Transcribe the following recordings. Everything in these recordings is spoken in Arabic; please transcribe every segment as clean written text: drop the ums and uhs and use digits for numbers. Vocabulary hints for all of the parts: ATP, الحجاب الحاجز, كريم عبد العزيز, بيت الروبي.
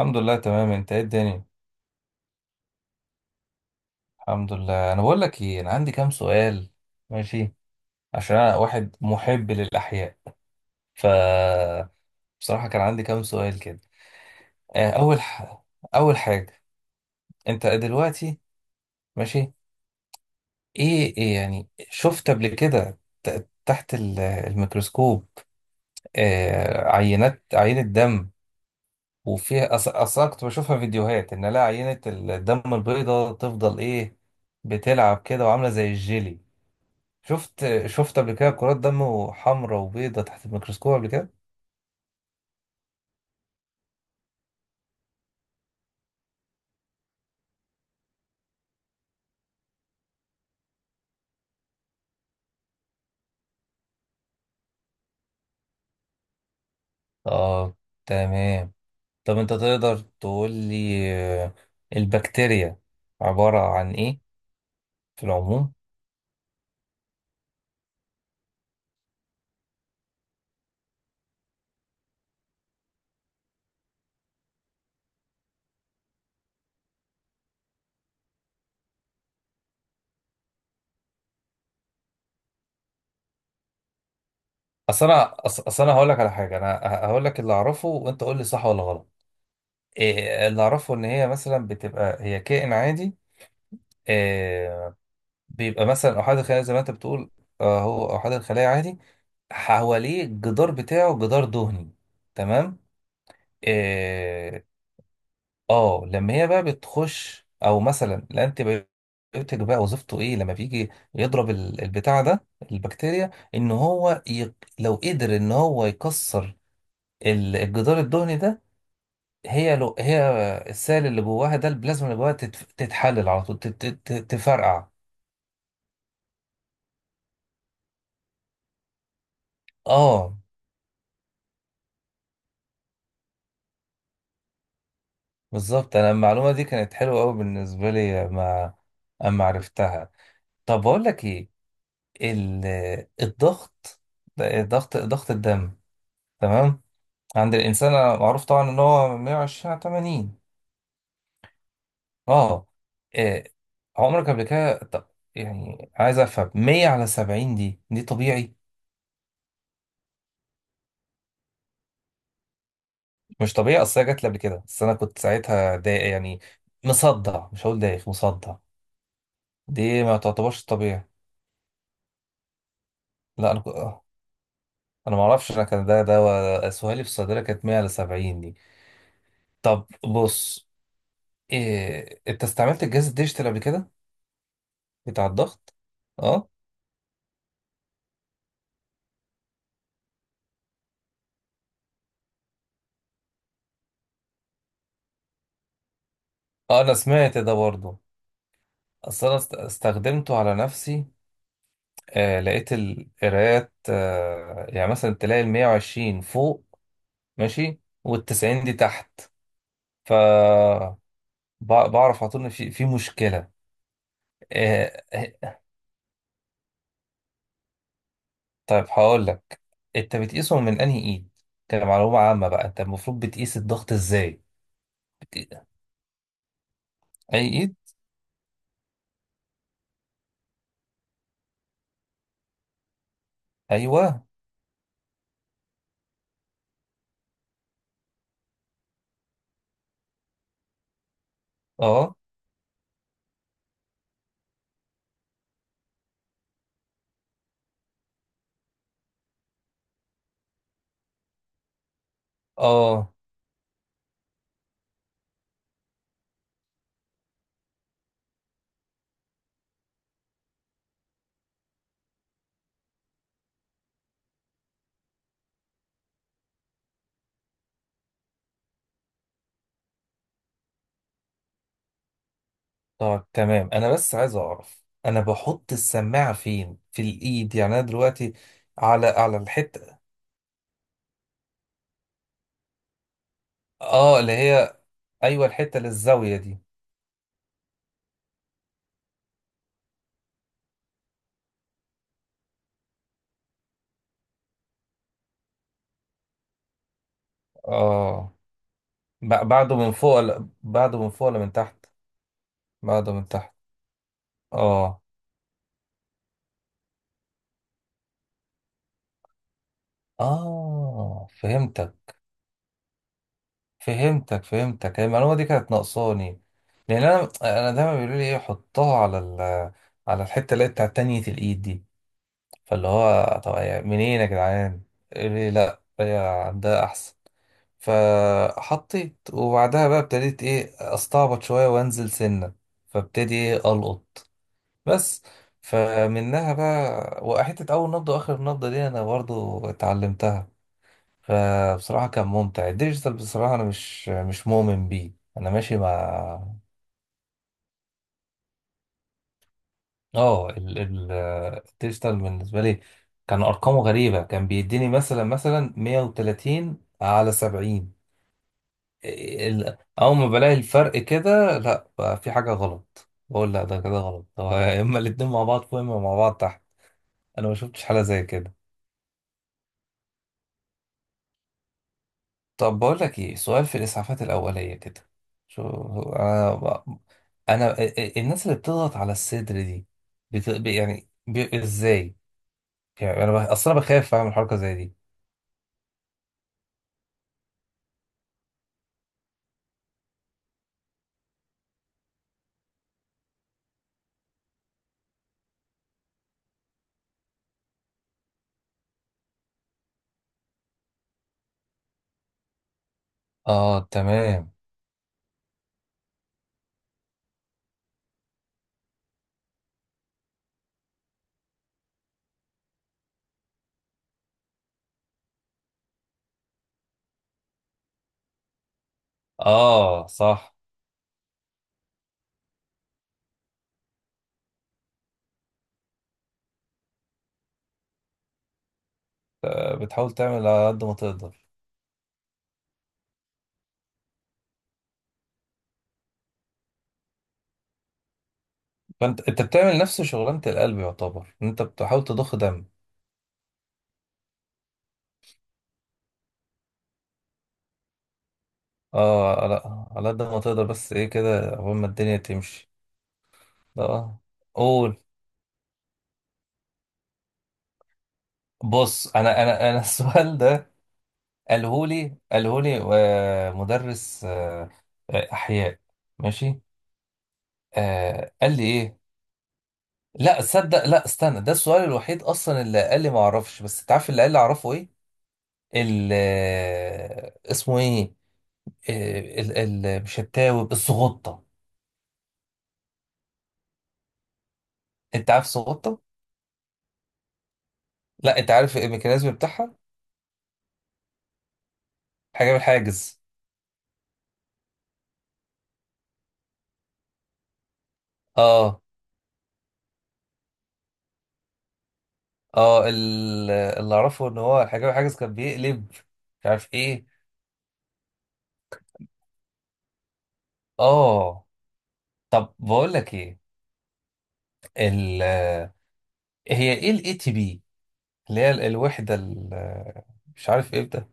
الحمد لله، تمام. انت ايه الدنيا؟ الحمد لله. انا بقول لك ايه، انا عندي كام سؤال. ماشي. عشان انا واحد محب للاحياء. ف بصراحه كان عندي كام سؤال كده. آه، اول ح... اول حاجه، انت دلوقتي. ماشي. إيه يعني شفت قبل كده تحت الميكروسكوب؟ عينه دم، وفيها اصلا كنت بشوفها فيديوهات ان لا عينه الدم البيضاء تفضل ايه، بتلعب كده وعامله زي الجيلي. شفت قبل كده كرات دم حمراء وبيضة تحت الميكروسكوب قبل كده؟ اه، تمام. طب انت تقدر تقول لي، آه، البكتيريا عبارة عن ايه في العموم؟ اصل انا هقول لك على حاجة، انا هقول لك اللي اعرفه وانت قول لي صح ولا غلط. إيه اللي اعرفه ان هي مثلا بتبقى هي كائن عادي، إيه، بيبقى مثلا احاد الخلايا زي ما انت بتقول. هو احاد الخلايا عادي، حواليه الجدار بتاعه جدار دهني. تمام. آه. اه، لما هي بقى بتخش، او مثلا الانتي بيوتيك بقى وظيفته ايه لما بيجي يضرب البتاع ده، البكتيريا، ان لو قدر ان هو يكسر الجدار الدهني ده، هي السائل اللي جواها ده، البلازما اللي جواها تتحلل على طول، تفرقع. اه، بالظبط. انا المعلومه دي كانت حلوه قوي بالنسبه لي ما اما عرفتها. طب بقول لك ايه، ال... الضغط، ضغط الدم، تمام، عند الإنسان، معروف طبعا إن هو 120 على 80. أه. آه. عمرك قبل كده يعني عايز أفهم، 100 على 70 دي دي طبيعي؟ مش طبيعي، أصل هي جات لي قبل كده، بس أنا كنت ساعتها ضايق يعني، مصدع، مش هقول دايخ، مصدع. دي ما تعتبرش طبيعي؟ لا أنا ك... آه، أنا ما أعرفش، أنا كان ده سؤالي في الصيدلة، كانت 100 على 70 دي. طب بص، أنت استعملت الجهاز الديجيتال قبل كده بتاع الضغط؟ أه. أه، أنا سمعت ده برضه. استخدمته على نفسي، آه، لقيت القرايات، آه يعني مثلا تلاقي ال 120 فوق ماشي، وال 90 دي تحت. ف بعرف على طول ان في مشكله. آه. آه. طيب هقول لك، انت بتقيسهم من انهي ايد؟ كمعلومه عامه بقى، انت المفروض بتقيس الضغط ازاي؟ بت- اي ايد؟ ايوه. اه. اه. طب تمام، انا بس عايز اعرف، انا بحط السماعه فين في الايد؟ يعني انا دلوقتي على على الحته. اه، اللي هي، ايوه، الحته للزاويه دي؟ اه، بعده من فوق ولا من تحت؟ بعده من تحت؟ اه. اه فهمتك فهمتك. هي المعلومه دي كانت ناقصاني، لان انا دايما بيقولوا لي ايه، حطها على على الحته اللي هي بتاعت تانية الايد دي. فاللي هو طب منين يا جدعان، قال لي لا هي عندها احسن. فحطيت، وبعدها بقى ابتديت ايه، استعبط شويه وانزل سنه، فابتدي ايه القط بس. فمنها بقى، وحته اول نبضه واخر نبضه دي انا برضو اتعلمتها. فبصراحه كان ممتع. الديجيتال بصراحه انا مش مؤمن بيه، انا ماشي مع، اه، الديجيتال بالنسبه لي كان ارقامه غريبه، كان بيديني مثلا 130 على 70. اول ما بلاقي الفرق كده، لا بقى في حاجه غلط، بقول لا ده كده غلط، هو يا اما الاتنين مع بعض فوق يا اما مع بعض تحت. انا ما شفتش حاله زي كده. طب بقول لك ايه، سؤال في الاسعافات الاوليه كده. شو، انا انا الناس اللي بتضغط على الصدر دي، ازاي؟ يعني انا اصلا بخاف اعمل حركه زي دي. اه تمام. اه صح. بتحاول تعمل على قد ما تقدر. فانت بتعمل نفس شغلانة القلب، يعتبر إن انت بتحاول تضخ دم. اه، على على قد ما تقدر، بس ايه كده قبل ما الدنيا تمشي. اه قول. بص، انا السؤال ده قالهولي، مدرس، احياء. ماشي. آه قال لي ايه، لا تصدق، لا استنى، ده السؤال الوحيد اصلا اللي قال لي ما اعرفش، بس تعرف اللي قال لي اعرفه ايه، ال اسمه ايه، آه، ال ال مش التاوب، السغطه. انت عارف السغطه؟ لا، انت عارف الميكانيزم بتاعها؟ الحجاب الحاجز. اه. اه اللي اعرفه ان هو الحجاب الحاجز كان بيقلب، مش عارف ايه. اه. طب بقول لك ايه، ال، هي ايه الاي تي بي، اللي هي الوحده مش عارف ايه ده.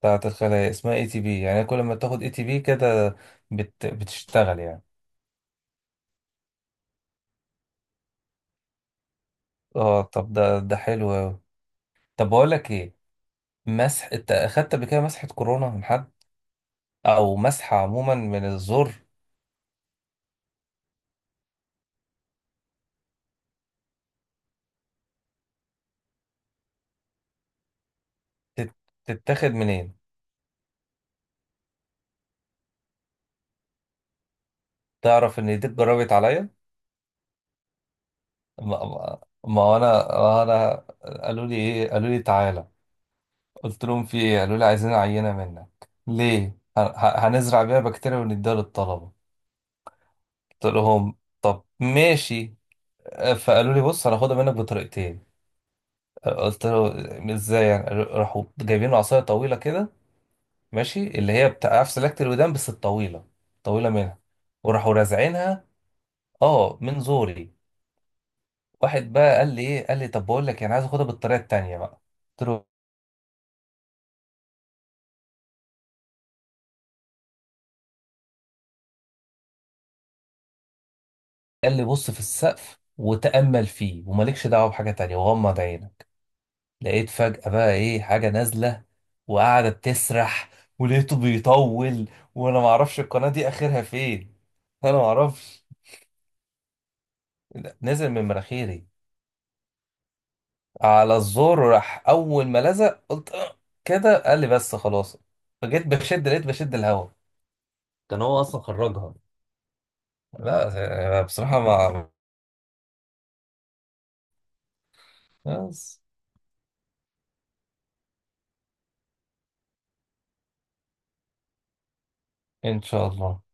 بتاعت الخلايا اسمها اي تي بي، يعني كل ما تاخد اي تي بي كده بتشتغل يعني؟ اه. طب ده ده حلو أوي. طب بقول لك ايه، مسح، انت اخدت قبل كده مسحة كورونا من حد؟ او مسحة عموما من الزور؟ تت- تتاخد منين؟ تعرف ان دي اتجربت عليا. ما ما ما هو انا قالوا لي ايه، قالوا لي تعالى، قلت لهم في ايه، قالوا لي عايزين عينة منك، ليه، هنزرع بيها بكتيريا ونديها للطلبة. قلت لهم طب ماشي. فقالوا لي بص هناخدها منك بطريقتين. قلت له ازاي يعني، راحوا جايبين عصاية طويلة كده ماشي، اللي هي بتاع عارف سلاكة الودان بس الطويلة، طويلة منها، وراحوا رازعينها. اه من زوري. واحد بقى قال لي ايه، قال لي طب بقول لك انا عايز اخدها بالطريقة التانية بقى. قلت له، قال لي بص في السقف وتأمل فيه ومالكش دعوة بحاجة تانية وغمض عينك. لقيت فجأة بقى ايه حاجة نازلة، وقعدت تسرح، ولقيته بيطول وانا معرفش القناة دي اخرها فين. انا معرفش. نزل من مناخيري، على الزور، راح اول ما لزق قلت "أه، كده". قال لي بس خلاص. فجيت بشد، لقيت بشد الهوا، كان هو اصلا خرجها. لا بصراحة ما. بس ان شاء الله.